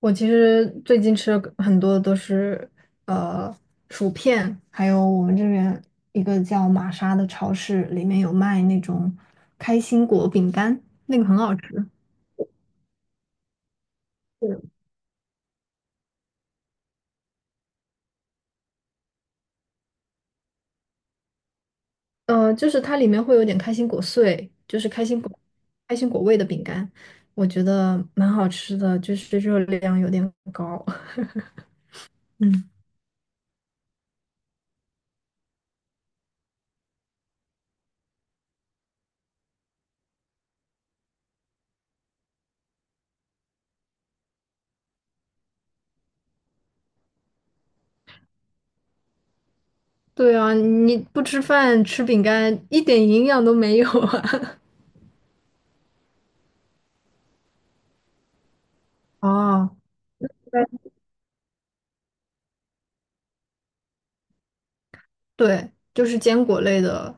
我其实最近吃了很多都是呃薯片，还有我们这边一个叫玛莎的超市，里面有卖那种开心果饼干，那个很好吃。对，就是它里面会有点开心果碎，就是开心果味的饼干，我觉得蛮好吃的，就是热量有点高。嗯，对啊，你不吃饭吃饼干一点营养都没有啊。哦，对，就是坚果类的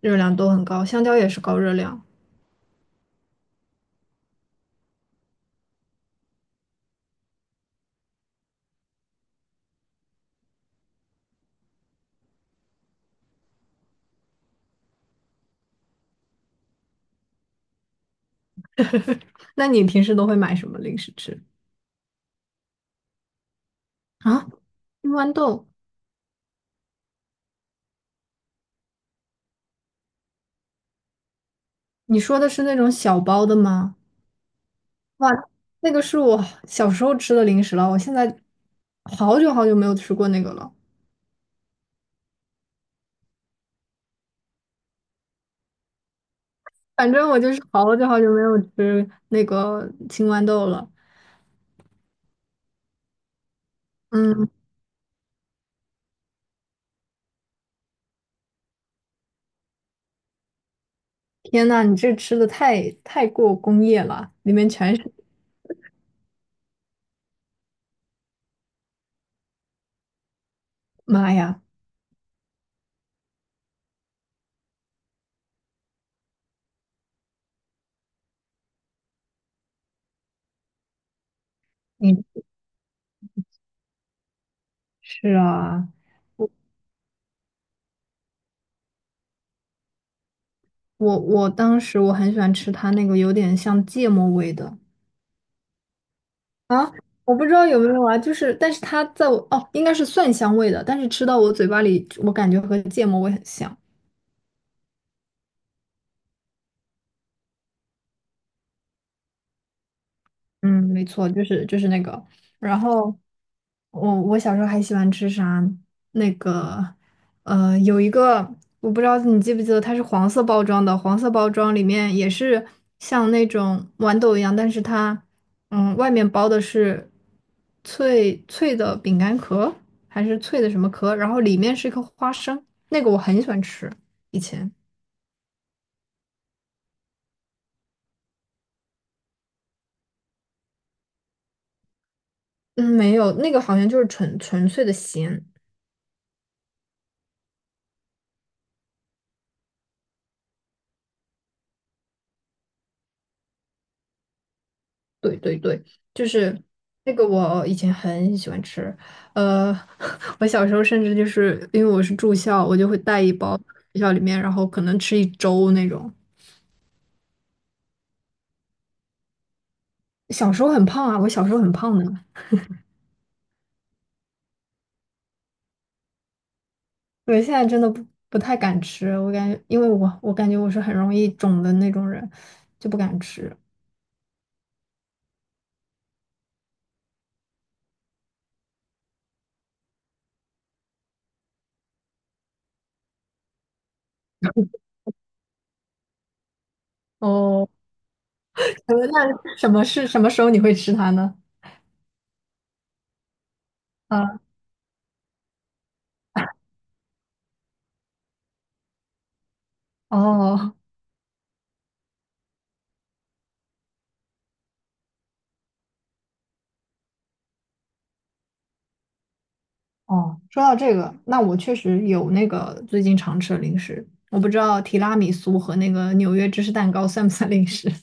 热量都很高，香蕉也是高热量。那你平时都会买什么零食吃啊？青豌豆，你说的是那种小包的吗？哇，那个是我小时候吃的零食了，我现在好久好久没有吃过那个了。反正我就是好久好久没有吃那个青豌豆了。嗯，天呐，你这吃的太过工业了，里面全是。妈呀！嗯，是啊，我当时我很喜欢吃它那个有点像芥末味的啊，我不知道有没有啊，就是但是它在我哦应该是蒜香味的，但是吃到我嘴巴里，我感觉和芥末味很像。嗯，没错，就是那个。然后我小时候还喜欢吃啥？那个有一个我不知道你记不记得，它是黄色包装的，黄色包装里面也是像那种豌豆一样，但是它嗯外面包的是脆脆的饼干壳，还是脆的什么壳，然后里面是一颗花生，那个我很喜欢吃，以前。嗯，没有，那个好像就是纯粹的咸。对对对，就是那个我以前很喜欢吃，呃，我小时候甚至就是因为我是住校，我就会带一包学校里面，然后可能吃一周那种。小时候很胖啊，我小时候很胖的。对，现在真的不太敢吃，我感觉因为我感觉我是很容易肿的那种人，就不敢吃。哦，那什么是什么时候你会吃它呢？啊，哦，哦，说到这个，那我确实有那个最近常吃的零食，我不知道提拉米苏和那个纽约芝士蛋糕算不算零食。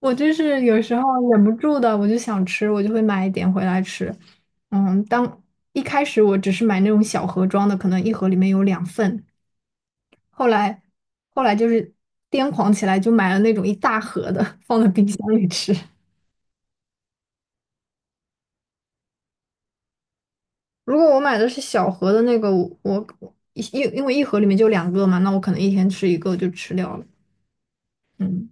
我就是有时候忍不住的，我就想吃，我就会买一点回来吃。嗯，当一开始我只是买那种小盒装的，可能一盒里面有两份，后来后来就是癫狂起来，就买了那种一大盒的，放在冰箱里吃。如果我买的是小盒的那个，我因为一盒里面就两个嘛，那我可能一天吃一个就吃掉了。嗯，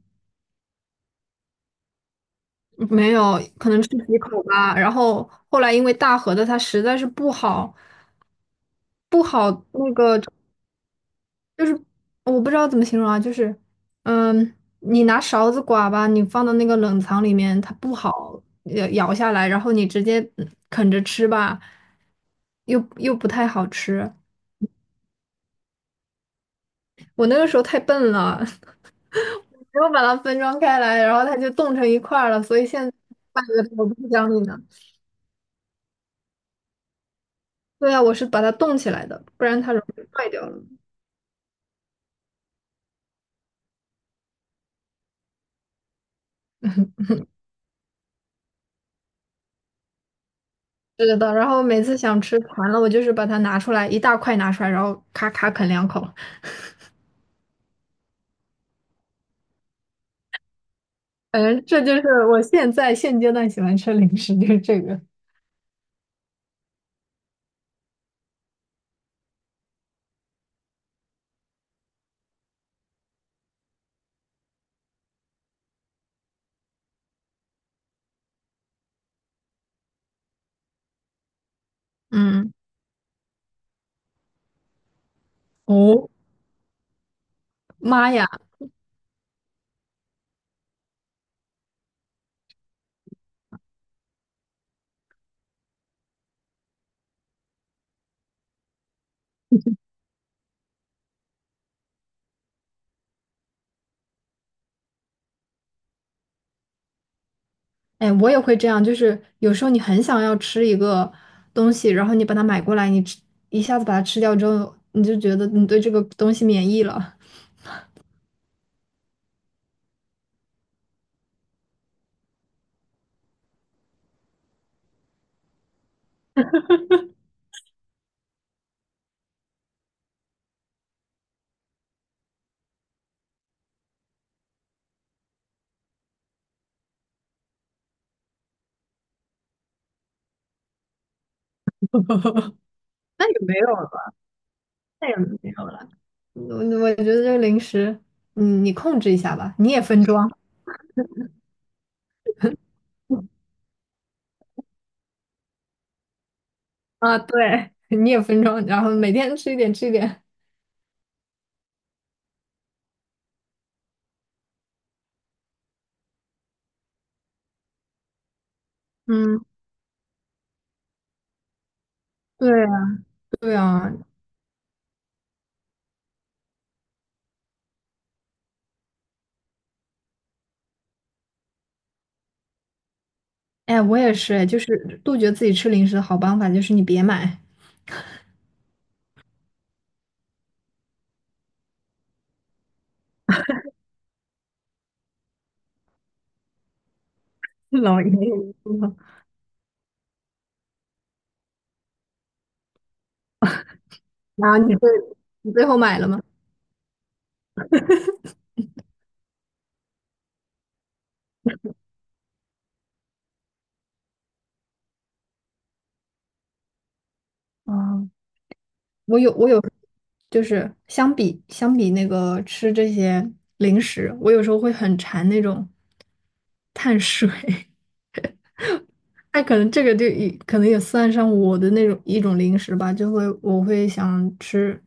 没有，可能吃几口吧。然后后来因为大盒的它实在是不好，不好那个就是我不知道怎么形容啊，就是嗯，你拿勺子刮吧，你放到那个冷藏里面，它不好咬下来，然后你直接嗯啃着吃吧，又不太好吃。我那个时候太笨了，没有把它分装开来，然后它就冻成一块儿了，所以现在卖给我不讲理呢。对啊，我是把它冻起来的，不然它容易坏掉了。是的，然后每次想吃馋了，我就是把它拿出来一大块拿出来，然后咔咔啃两口。反正这就是我现在现阶段喜欢吃零食，就是这个。嗯，哦，妈呀，哎，我也会这样，就是有时候你很想要吃一个东西，然后你把它买过来，你吃一下子把它吃掉之后，你就觉得你对这个东西免疫了。那也没有了吧，那也没有了。我觉得这个零食，嗯，你控制一下吧，你也分装。啊，对，你也分装，然后每天吃一点，吃一点。嗯，对啊，对啊，哎，我也是，就是杜绝自己吃零食的好办法就是你别买。老爷爷说然后你会，你最后买了吗？啊，我有，就是相比那个吃这些零食，我有时候会很馋那种碳水。哎，可能这个就也可能也算上我的那种一种零食吧，就会我会想吃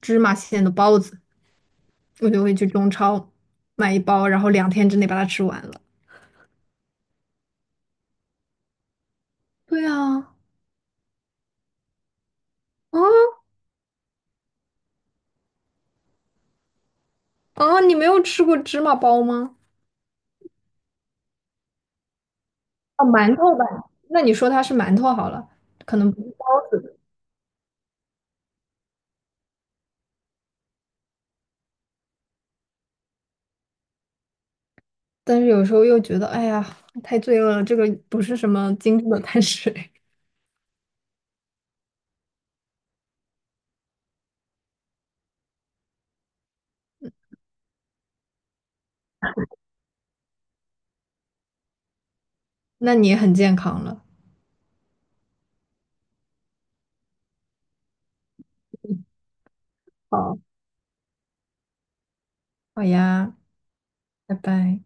芝麻馅的包子，我就会去中超买一包，然后两天之内把它吃完了。对啊，啊啊，你没有吃过芝麻包吗？啊，馒头吧，那你说它是馒头好了，可能不是包子，但是有时候又觉得，哎呀，太罪恶了，这个不是什么精致的碳水。那你也很健康了。好，好呀，拜拜。